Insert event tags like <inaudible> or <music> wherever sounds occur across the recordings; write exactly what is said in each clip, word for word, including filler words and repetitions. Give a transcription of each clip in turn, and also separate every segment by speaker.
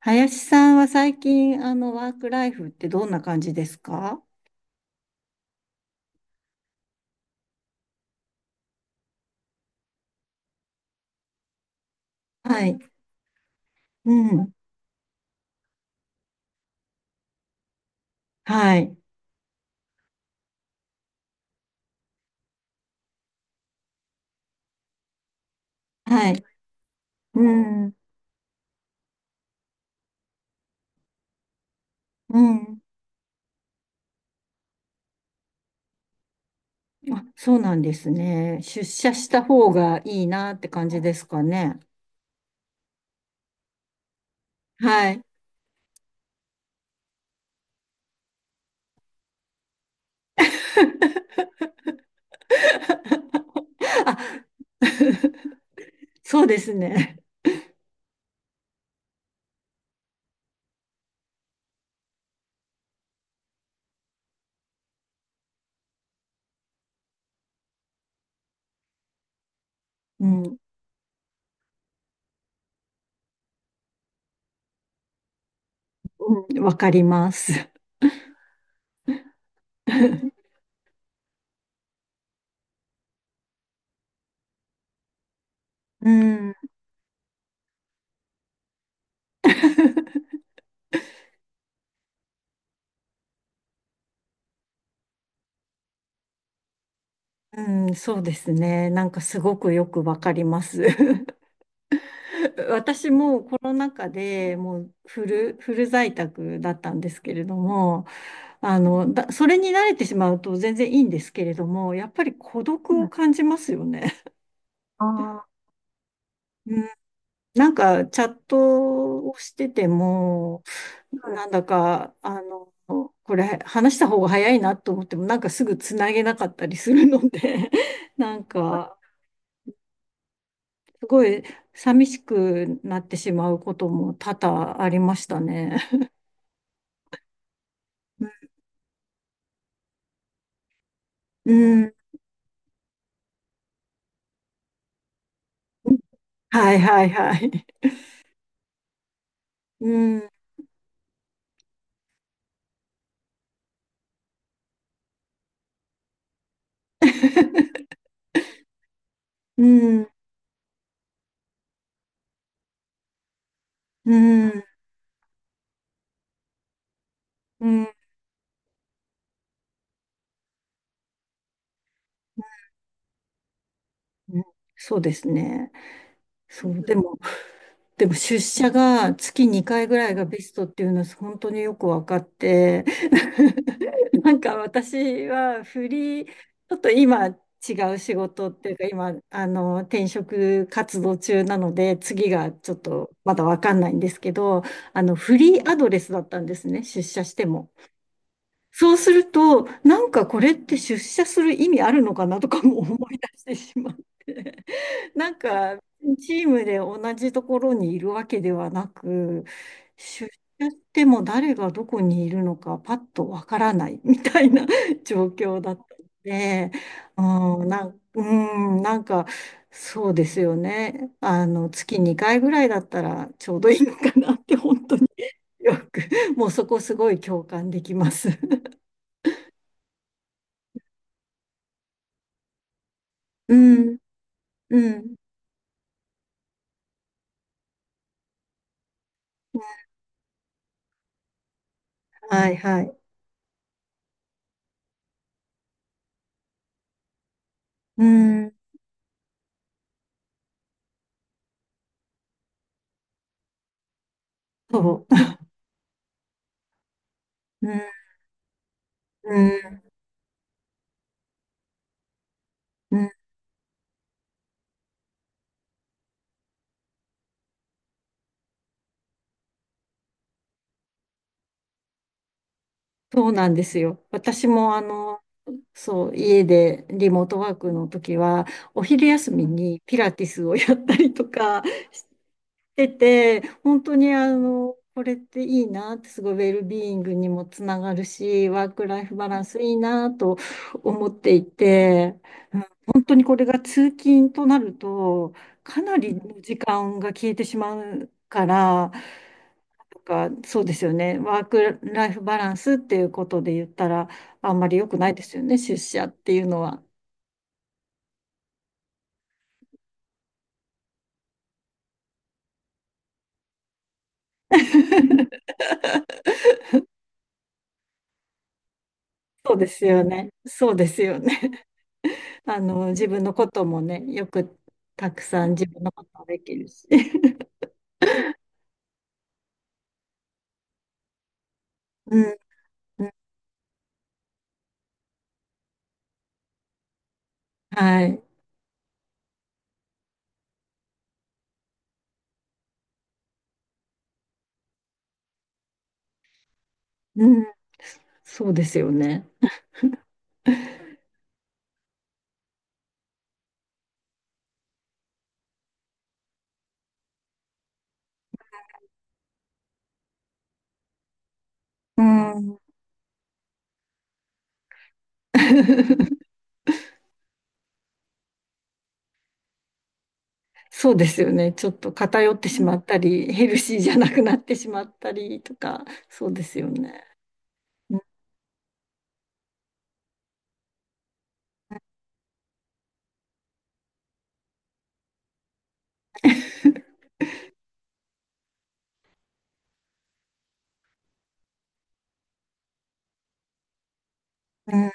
Speaker 1: 林さんは最近、あの、ワークライフってどんな感じですか？はい。うん。はい。はい。うん。うん。あ、そうなんですね。出社した方がいいなって感じですかね？はい。<laughs> あ、<laughs> そうですね。うん。うん。わかります。<laughs> うん。うん。そうですね。なんかすごくよくわかります。<laughs> 私もコロナ禍でもうフル、フル在宅だったんですけれども、あの、だ、それに慣れてしまうと全然いいんですけれども、やっぱり孤独を感じますよね。<laughs> ああ、うん、なんかチャットをしてても、ー、はいなんだか、あの、これ話した方が早いなと思っても、なんかすぐつなげなかったりするので、<laughs> なんか、すごい寂しくなってしまうことも多々ありましたね。うん。はいはいはい。うん。うん、うん、うん、うん、そうですね。そう、でも、でも出社が月にかいぐらいがベストっていうのは本当によく分かって、<laughs> なんか私はフリー、ちょっと今違う仕事っていうか、今、あの、転職活動中なので、次がちょっとまだ分かんないんですけど、あの、フリーアドレスだったんですね、出社しても。そうすると、なんかこれって出社する意味あるのかなとかも思い出してしまって、<laughs> なんかチームで同じところにいるわけではなく、出社しても誰がどこにいるのかパッとわからない <laughs> みたいな <laughs> 状況だったので、うん、なん、うん、なんかそうですよね。あの、月にかいぐらいだったらちょうどいいのかなって本当によく、もうそこすごい共感できます。<laughs> うんうん。はいはい。うん。そう。うん。うん。うん。そうなんですよ。私もあの、そう、家でリモートワークの時は、お昼休みにピラティスをやったりとかしてて、本当にあの、これっていいなって、すごいウェルビーイングにもつながるし、ワークライフバランスいいなと思っていて、本当にこれが通勤となると、かなりの時間が消えてしまうから、なんかそうですよね、ワークライフバランスっていうことで言ったら、あんまり良くないですよね、出社っていうのは。そうですよね、そうですよね。<laughs> あの、自分のこともね、よくたくさん自分のこともできるし。<laughs> うん、うんはい。うん、そうですよね。うん。<laughs> そうですよね。ちょっと偏ってしまったり、ヘルシーじゃなくなってしまったりとか、そうですよね。うん、うん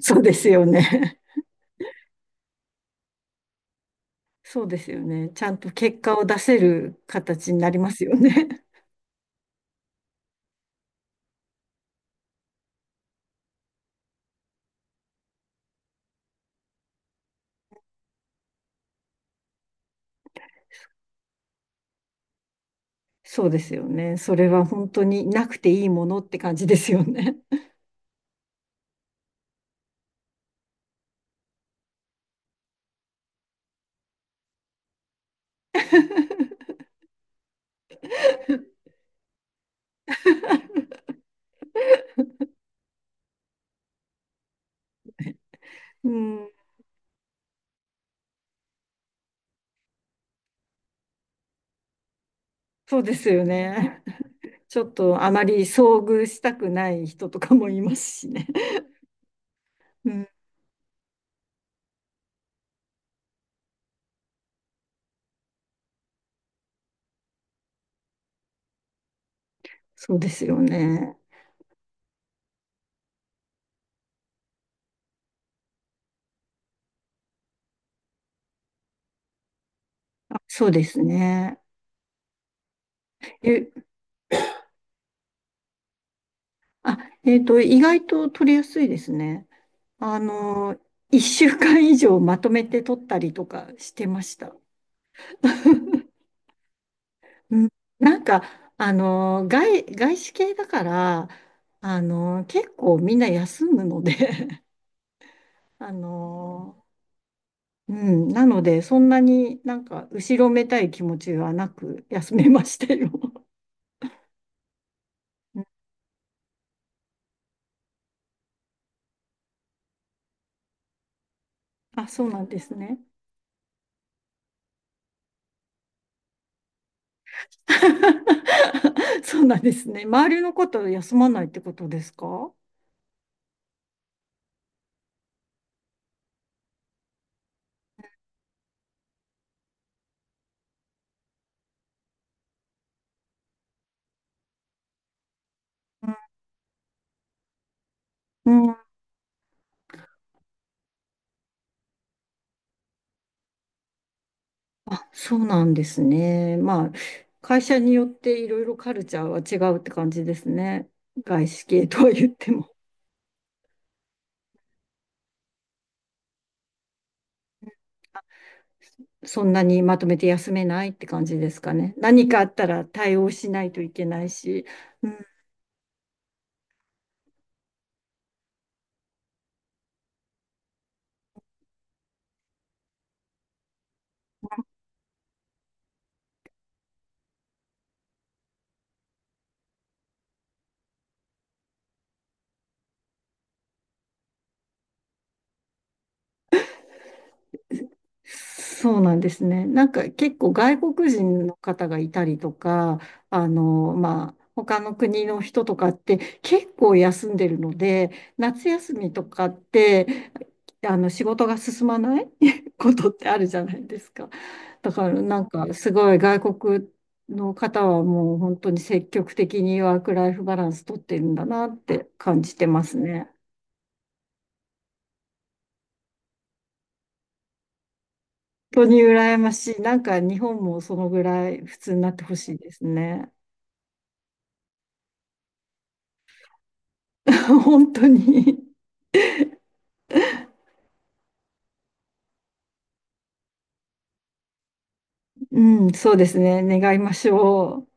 Speaker 1: そうですよね。そうですよね。ちゃんと結果を出せる形になりますよね。そうですよね。それは本当になくていいものって感じですよね。うん、そうですよね。ちょっとあまり遭遇したくない人とかもいますしね。うん、そうですよね。あ、そうですね。ゆあ、えっと、意外と取りやすいですね。あの、いっしゅうかん以上まとめて取ったりとかしてました。<laughs> うん、なんか、あの、外、外資系だから、あの、結構みんな休むので <laughs> あの、うん、なので、そんなになんか、後ろめたい気持ちはなく休めましたよ。<laughs> うん、あ、そうなんですね。<laughs> そうなんですね。周りのこと休まないってことですか？うん、あ、そうなんですね。まあ、会社によっていろいろカルチャーは違うって感じですね。外資系とは言っても。そんなにまとめて休めないって感じですかね？何かあったら対応しないといけないし。うん、そうなんですね。なんか結構外国人の方がいたりとか、あの、まあ、他の国の人とかって結構休んでるので、夏休みとかってあの仕事が進まない <laughs> ことってあるじゃないですか。だからなんかすごい外国の方はもう本当に積極的にワークライフバランス取ってるんだなって感じてますね。本当に羨ましい。なんか日本もそのぐらい普通になってほしいですね。<laughs> 本当に。うん、そうですね。願いましょう。